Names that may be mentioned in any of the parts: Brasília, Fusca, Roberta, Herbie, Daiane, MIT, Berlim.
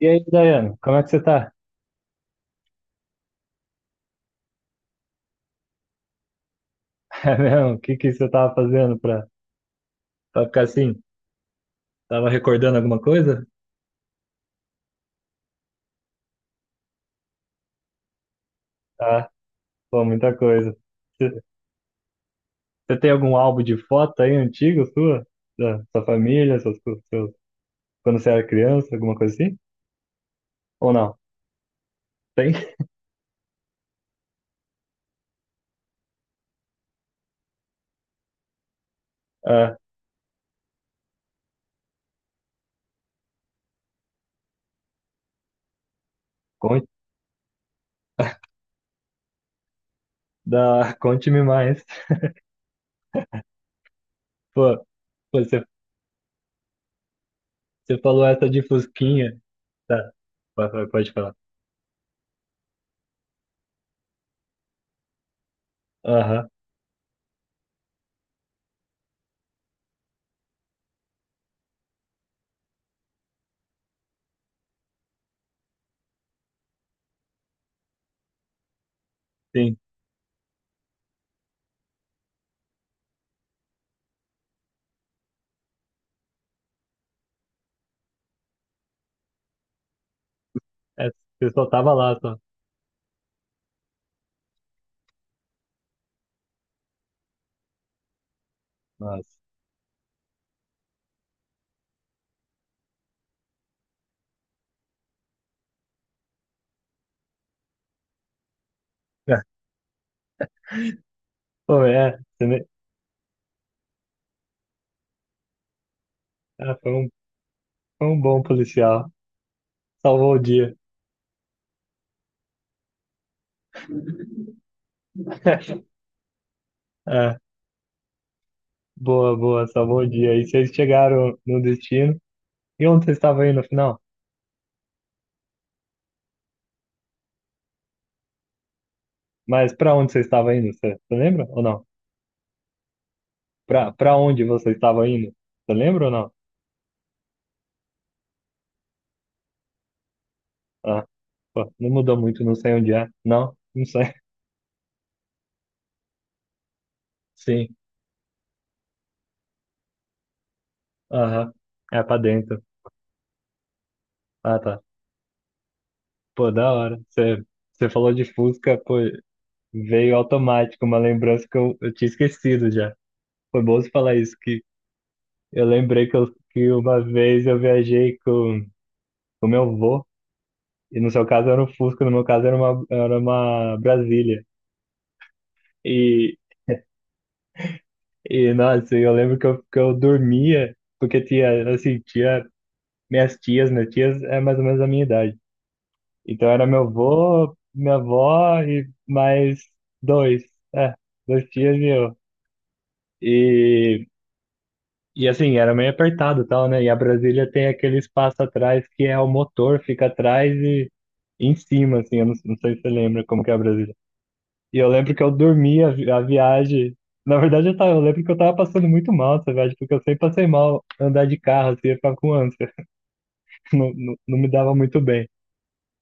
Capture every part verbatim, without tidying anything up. E aí, Daiane, como é que você tá? É mesmo? O que que você tava fazendo pra, pra ficar assim? Tava recordando alguma coisa? Ah, pô, muita coisa. Você, você tem algum álbum de foto aí antigo sua? Da sua família, seus, seus, quando você era criança, alguma coisa assim? Ou não? Tem? Ah, conte, da, conte-me mais. Pô, pô, você, você falou essa de Fusquinha. Tá, pode, pode pode falar. Aham, sim. É, você só tava lá, só. Nossa. É, pô, é, você, me- ah, foi um um bom policial. Salvou o dia. É, boa, boa, salvou o dia. E vocês chegaram no destino. E onde vocês estavam indo no final? Mas pra onde vocês estavam indo? Você você lembra ou não? Pra, pra onde vocês estavam indo? Você lembra ou não? Ah, pô, não mudou muito, não sei onde é. Não, não sei. Sim, aham. É pra dentro. Ah, tá. Pô, da hora. Você, você falou de Fusca. Pô, veio automático uma lembrança que eu, eu tinha esquecido já. Foi bom você falar isso. que Eu lembrei que, eu- que uma vez eu viajei com o meu avô, e no seu caso era um Fusca, no meu caso era uma, era uma Brasília. E, e nossa, eu lembro que eu, que eu dormia, porque tinha, assim, tinha minhas tias, minhas tias é mais ou menos a minha idade. Então era meu avô, minha avó e mais dois, é, dois tias e eu. E assim, era meio apertado e tal, né? E a Brasília tem aquele espaço atrás que é o motor, fica atrás e em cima, assim. Eu não, não sei se você lembra como que é a Brasília. E eu lembro que eu dormi a, vi- a viagem. Na verdade, eu, tava, eu lembro que eu tava passando muito mal essa viagem, porque eu sempre passei mal andar de carro, assim, eu ficava com ânsia. Não, não, não me dava muito bem.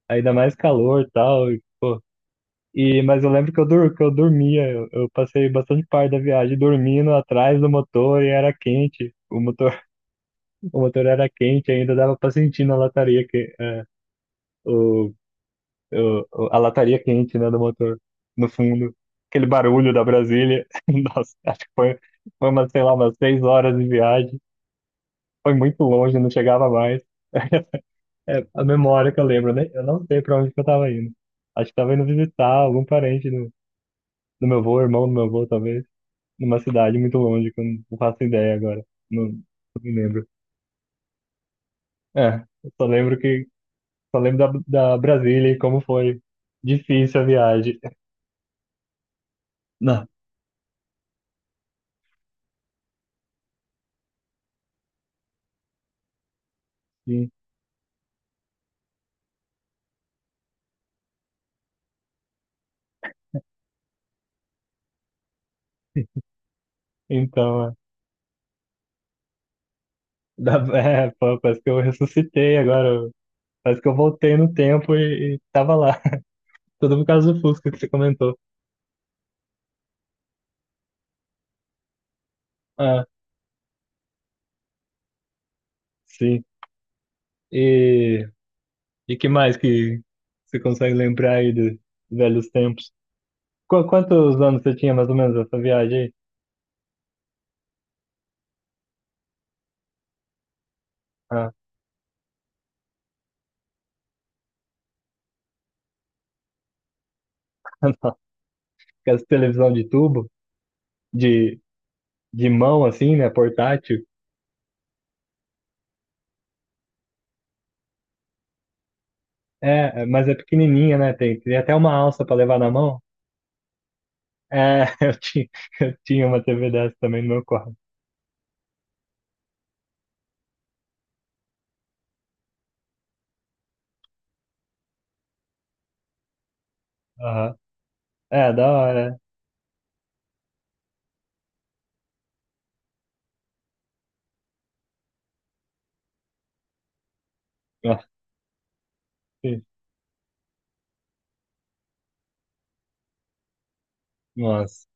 Ainda mais calor e tal, e, pô. E, mas eu lembro que eu, dur, que eu dormia, eu, eu passei bastante parte da viagem dormindo atrás do motor e era quente. O motor O motor era quente ainda, dava pra sentir na lataria que, é, o, o, o- a lataria quente, né, do motor no fundo. Aquele barulho da Brasília. Nossa, acho que foi, foi umas, sei lá, umas seis horas de viagem. Foi muito longe, não chegava mais. É a memória que eu lembro, né? Eu não sei pra onde que eu tava indo. Acho que tava indo visitar algum parente do, do meu avô, irmão do meu avô, talvez, numa cidade muito longe, que eu não faço ideia agora. Não, não me lembro. É, eu só lembro que só lembro da, da Brasília e como foi difícil a viagem. Não. Sim. Então, é, da- é, pô, parece que eu ressuscitei agora. eu- Parece que eu voltei no tempo e, e tava lá. Tudo por causa do Fusca que você comentou. Ah, sim. E, e que mais que você consegue lembrar aí dos velhos tempos? Qu- quantos anos você tinha mais ou menos essa viagem aí? Ah, nossa, aquela televisão de tubo, de, de mão assim, né? Portátil. É, mas é pequenininha, né? Tem, tem até uma alça para levar na mão. É, eu tinha, eu tinha uma T V dessa também no meu quarto. Aham. É, da hora. É. Nossa, que- nossa,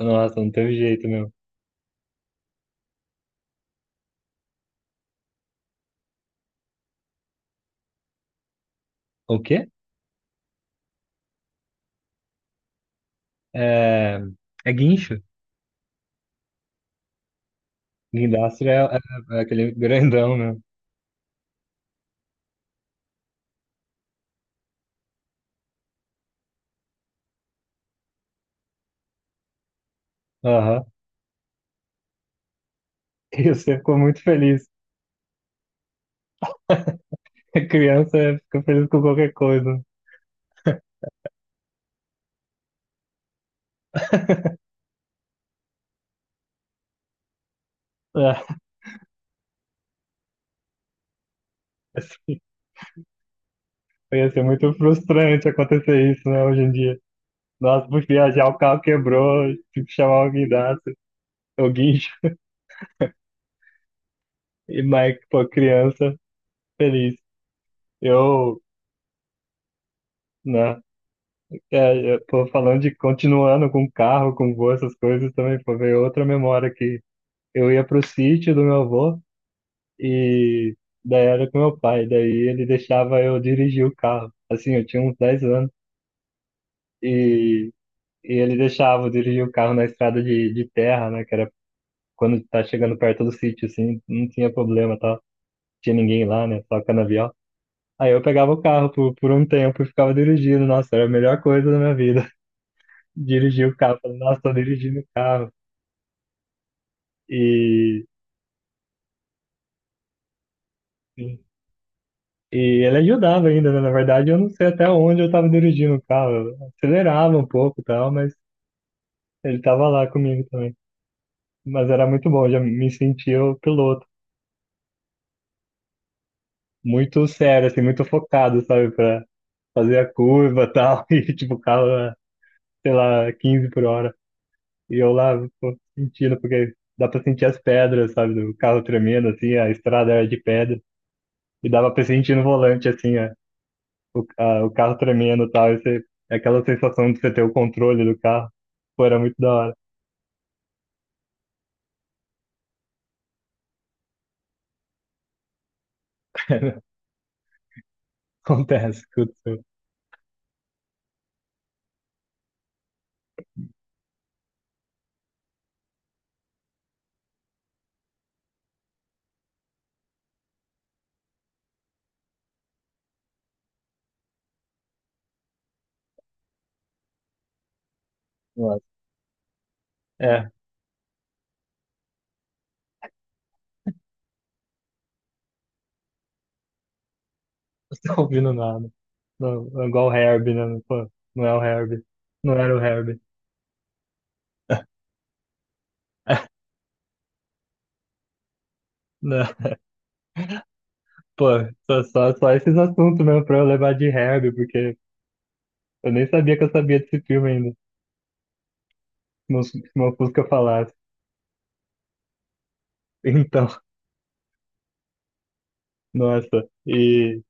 nossa, não teve jeito mesmo. O quê? É, é guincho. Guindastro é, é- é aquele grandão mesmo. Aham. E você ficou muito feliz. A criança fica feliz com qualquer coisa. É, assim, ia ser muito frustrante acontecer isso, né, hoje em dia. Nossa, por viajar o carro quebrou, tive que chamar o guindaste, o guincho, e Mike, pô, criança, feliz. Eu, né, é, eu, pô, falando de, continuando com carro, com voo, essas coisas também, pô, veio outra memória que eu ia pro sítio do meu avô e daí era com meu pai, daí ele deixava eu dirigir o carro, assim, eu tinha uns dez anos, e, e ele deixava eu dirigir o carro na estrada de, de terra, né, que era quando tá chegando perto do sítio, assim, não tinha problema, tá? Tinha ninguém lá, né? Só canavial. Aí eu pegava o carro por, por um tempo e ficava dirigindo. Nossa, era a melhor coisa da minha vida. Dirigir o carro. Falei, nossa, tô dirigindo o carro. E, e ele ajudava ainda, né? Na verdade, eu não sei até onde eu tava dirigindo o carro. Eu acelerava um pouco e tal, mas ele tava lá comigo também. Mas era muito bom, já me sentia o piloto. Muito sério, assim, muito focado, sabe? Pra fazer a curva e tal. E tipo, o carro, sei lá, quinze por hora. E eu lá, pô, sentindo, porque dá pra sentir as pedras, sabe, do carro tremendo, assim, a estrada era de pedra, e dava pra sentir no volante, assim, a, o, a- o carro tremendo e tal, e você, é aquela sensação de você ter o controle do carro, pô, era muito da hora. Acontece, aconteceu. Nossa. É, não tô ouvindo nada. Não, é igual o Herbie, né? Pô, não é o Herbie. Não era o Herbie. Não, pô, só, só, só esses assuntos mesmo pra eu levar de Herbie, porque eu nem sabia que eu sabia desse filme ainda. Mus- uma música falasse. Então, nossa. E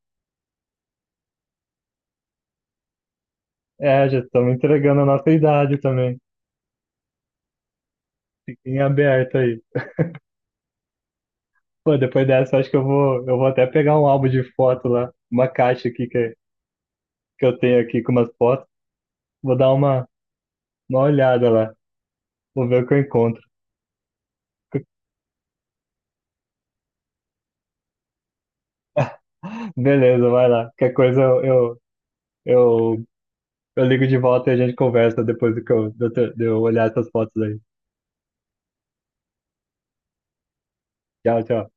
é, já estamos entregando a nossa idade também. Fica em aberto aí. Pô, depois dessa, acho que eu vou, eu vou até pegar um álbum de foto lá, uma caixa aqui que, que eu tenho aqui com umas fotos. Vou dar uma, uma olhada lá. Vou ver o que eu encontro. Beleza, vai lá. Qualquer coisa eu, eu, eu, eu ligo de volta e a gente conversa depois do que eu, de eu de eu olhar essas fotos aí. Tchau, tchau.